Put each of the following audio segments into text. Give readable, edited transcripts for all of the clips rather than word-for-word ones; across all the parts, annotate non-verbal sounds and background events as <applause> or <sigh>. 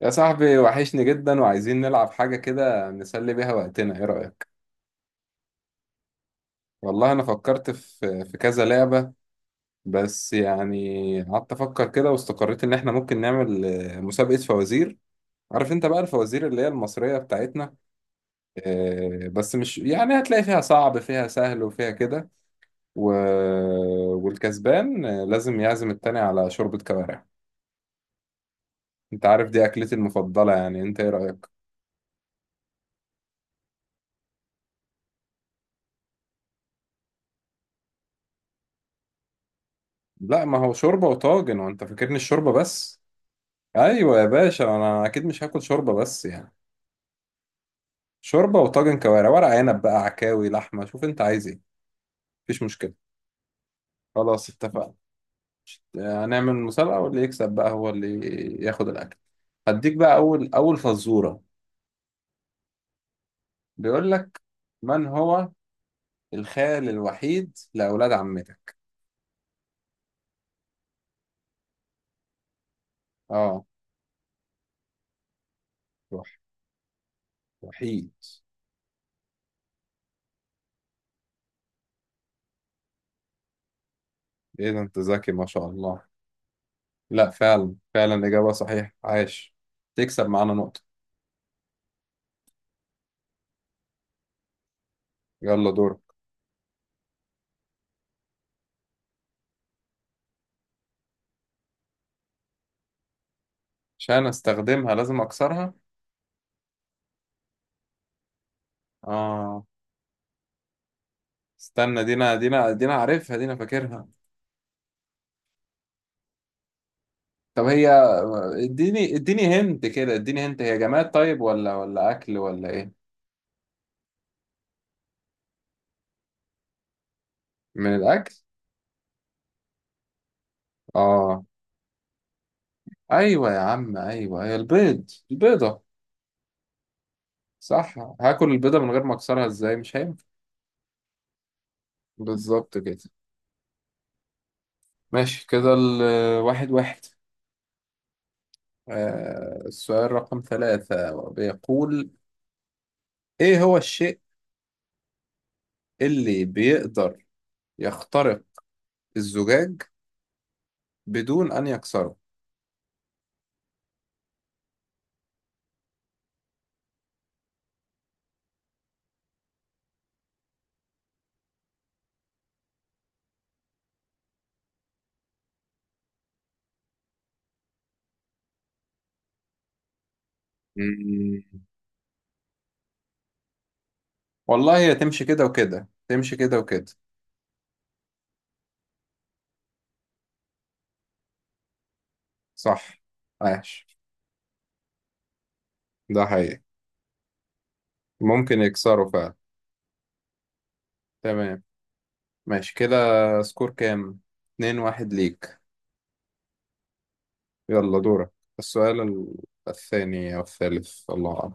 يا صاحبي وحشني جدا وعايزين نلعب حاجة كده نسلي بيها وقتنا، ايه رأيك؟ والله انا فكرت في كذا لعبة. بس يعني قعدت افكر كده واستقريت ان احنا ممكن نعمل مسابقة فوازير. عارف انت بقى الفوازير اللي هي المصرية بتاعتنا. بس مش يعني هتلاقي فيها صعب، فيها سهل، وفيها كده و... والكسبان لازم يعزم التاني على شوربة كوارع. انت عارف دي اكلتي المفضلة، يعني انت ايه رأيك؟ لا ما هو شوربة وطاجن، وانت فاكرني الشوربة بس. ايوه يا باشا، انا اكيد مش هاكل شوربه بس، يعني شوربه وطاجن كوارع، ورق عنب بقى، عكاوي، لحمه، شوف انت عايز ايه. مفيش مشكله، خلاص اتفقنا. هنعمل مسابقه واللي يكسب بقى هو اللي ياخد الاكل. هديك بقى اول فزوره. بيقول لك، من هو الخال الوحيد لاولاد عمتك؟ اه، وح- وحيد. ايه ده، انت ذكي ما شاء الله. لا فعلا، اجابه صحيحه، عاش. تكسب معانا نقطه. يلا دورك. عشان استخدمها لازم اكسرها؟ آه، استنى. دينا، عارفها، دينا فاكرها. طب هي اديني، اديني، هنت كده. اديني هنت، هي جماد طيب ولا اكل ولا ايه؟ من الاكل؟ اه، ايوه يا عم، ايوه، هي البيض، البيضة. صح، هاكل البيضة من غير ما اكسرها ازاي؟ مش هينفع. بالظبط كده. ماشي كده، الواحد واحد. آه، السؤال رقم ثلاثة بيقول، ايه هو الشيء اللي بيقدر يخترق الزجاج بدون ان يكسره؟ مم. والله، هي تمشي كده وكده، تمشي كده وكده. صح. عاش، ده حقيقي. ممكن يكسروا فعلا. تمام، ماشي كده. سكور كام؟ اتنين واحد ليك. يلا دورك. السؤال الثاني أو الثالث الله أعلم.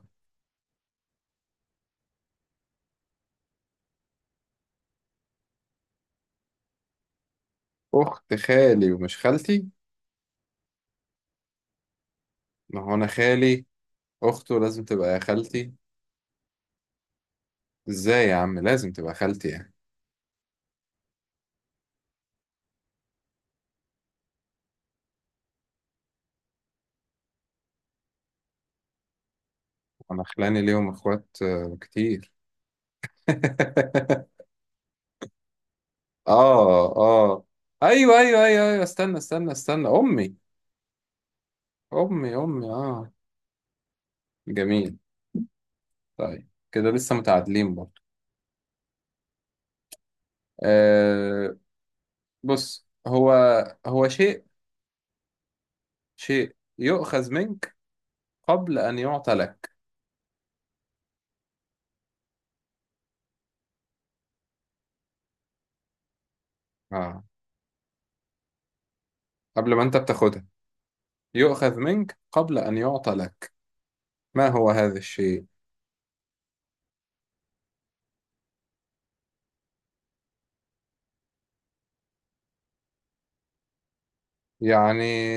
أخت خالي ومش خالتي، ما هو أنا خالي أخته لازم تبقى خالتي. إزاي يا عم لازم تبقى خالتي يعني. أنا خلاني ليهم إخوات كتير. <laughs> آه آه، أيوه، استنى، أمي، أمي، أمي، آه. جميل. طيب كده لسه متعادلين برضه. آه، بص، هو شيء، شيء يؤخذ منك قبل أن يعطى لك. آه، قبل ما أنت بتاخدها. يؤخذ منك قبل أن يعطى لك، ما هو هذا الشيء؟ يعني،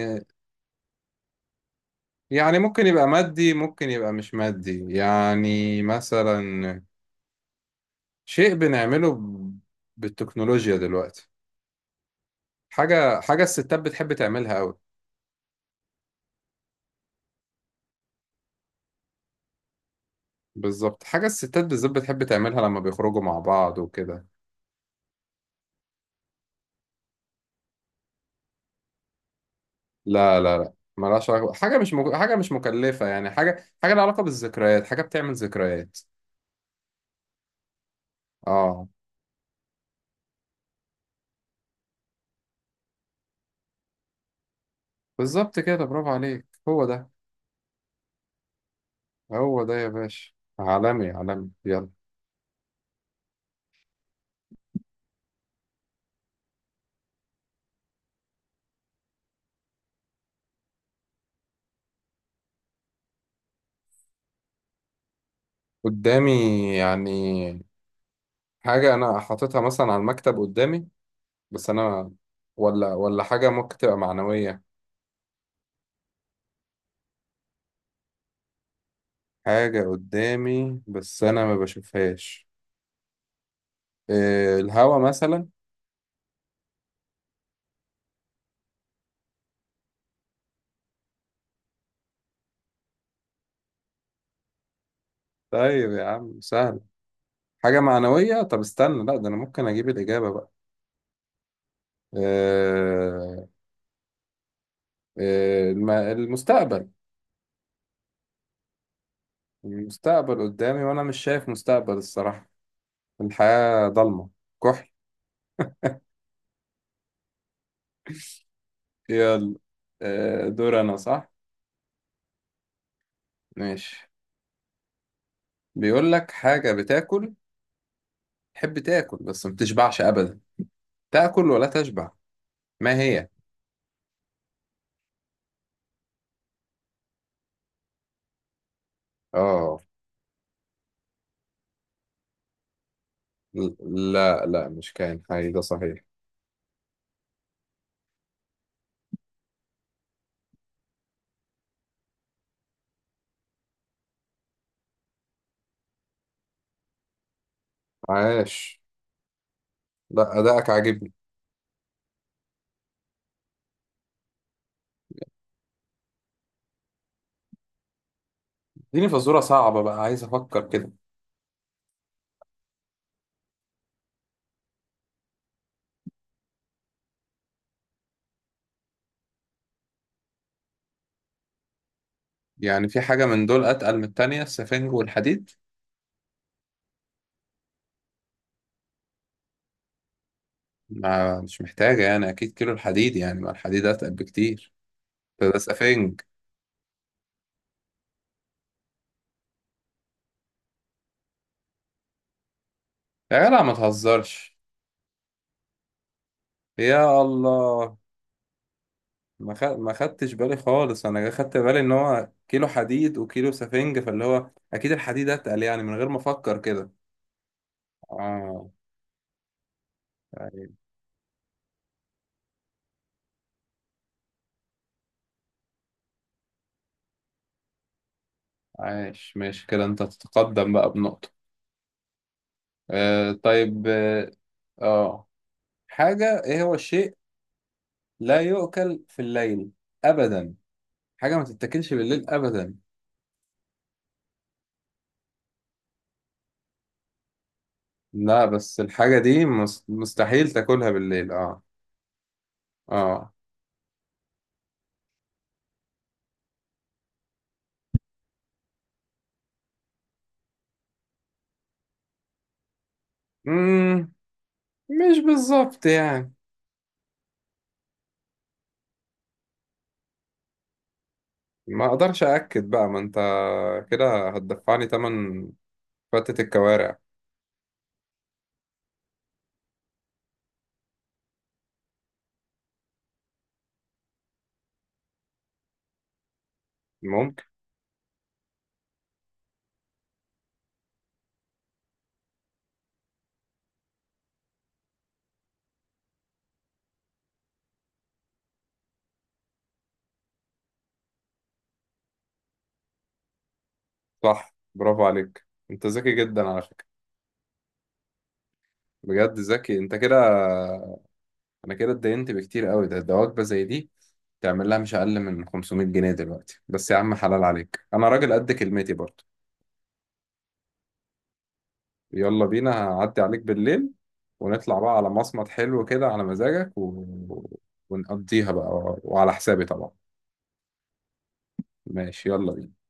يعني ممكن يبقى مادي ممكن يبقى مش مادي، يعني مثلا شيء بنعمله بالتكنولوجيا دلوقتي. حاجة الستات بتحب تعملها أوي. بالظبط، حاجة الستات بالذات بتحب تعملها لما بيخرجوا مع بعض وكده. لا، ملهاش علاقة، حاجة مش مك... حاجة مش مكلفة، يعني حاجة، حاجة لها علاقة بالذكريات، حاجة بتعمل ذكريات. اه، بالظبط كده، برافو عليك، هو ده. هو ده يا باشا، عالمي عالمي. يلا. قدامي؟ يعني حاجة أنا حاططها مثلا على المكتب قدامي بس أنا ولا حاجة ممكن تبقى معنوية. حاجة قدامي بس أنا ما بشوفهاش، إيه؟ الهوا مثلا؟ طيب يا عم سهل، حاجة معنوية. طب استنى، لا ده أنا ممكن أجيب الإجابة بقى. آه، آه، المستقبل. المستقبل قدامي وأنا مش شايف مستقبل الصراحة. الحياة ضلمة كحل. يلا، آه، دور أنا صح. ماشي. بيقول لك، حاجة بتاكل، تحب تاكل بس ما بتشبعش أبدا، تاكل ولا تشبع، ما هي؟ آه، لا مش كائن حي ده صحيح. عاش، لا أداءك عاجبني. اديني فزورة صعبة بقى، عايز أفكر كده. يعني في حاجة من دول أتقل من التانية، السفنج والحديد؟ ما مش محتاجة يعني، أكيد كيلو الحديد، يعني ما الحديد أتقل بكتير. ده سفنج؟ يا جدع ما تهزرش. يا الله، ما خدتش بالي خالص، أنا خدت بالي إن هو كيلو حديد وكيلو سفنج، فاللي هو أكيد الحديد أتقل يعني من غير ما أفكر كده. آه طيب. عايش، ماشي كده، أنت تتقدم بقى بنقطة. آه طيب آه. آه. حاجة، إيه هو الشيء لا يؤكل في الليل أبدا؟ حاجة ما تتاكلش بالليل أبدا. لا بس الحاجة دي مستحيل تاكلها بالليل، اه. اه. مم. مش بالظبط يعني. ما اقدرش أأكد بقى ما انت كده هتدفعني تمن فتة الكوارع. ممكن. صح، برافو عليك، انت ذكي جدا على فكرة. بجد ذكي انت كده. انا كده اتدينت بكتير قوي، ده وجبة زي دي تعمل لها مش أقل من 500 جنيه دلوقتي، بس يا عم حلال عليك، انا راجل قد كلمتي برضه. يلا بينا، هعدي عليك بالليل ونطلع بقى على مصمت حلو كده على مزاجك ونقضيها بقى، وعلى حسابي طبعا. ماشي، يلا بينا.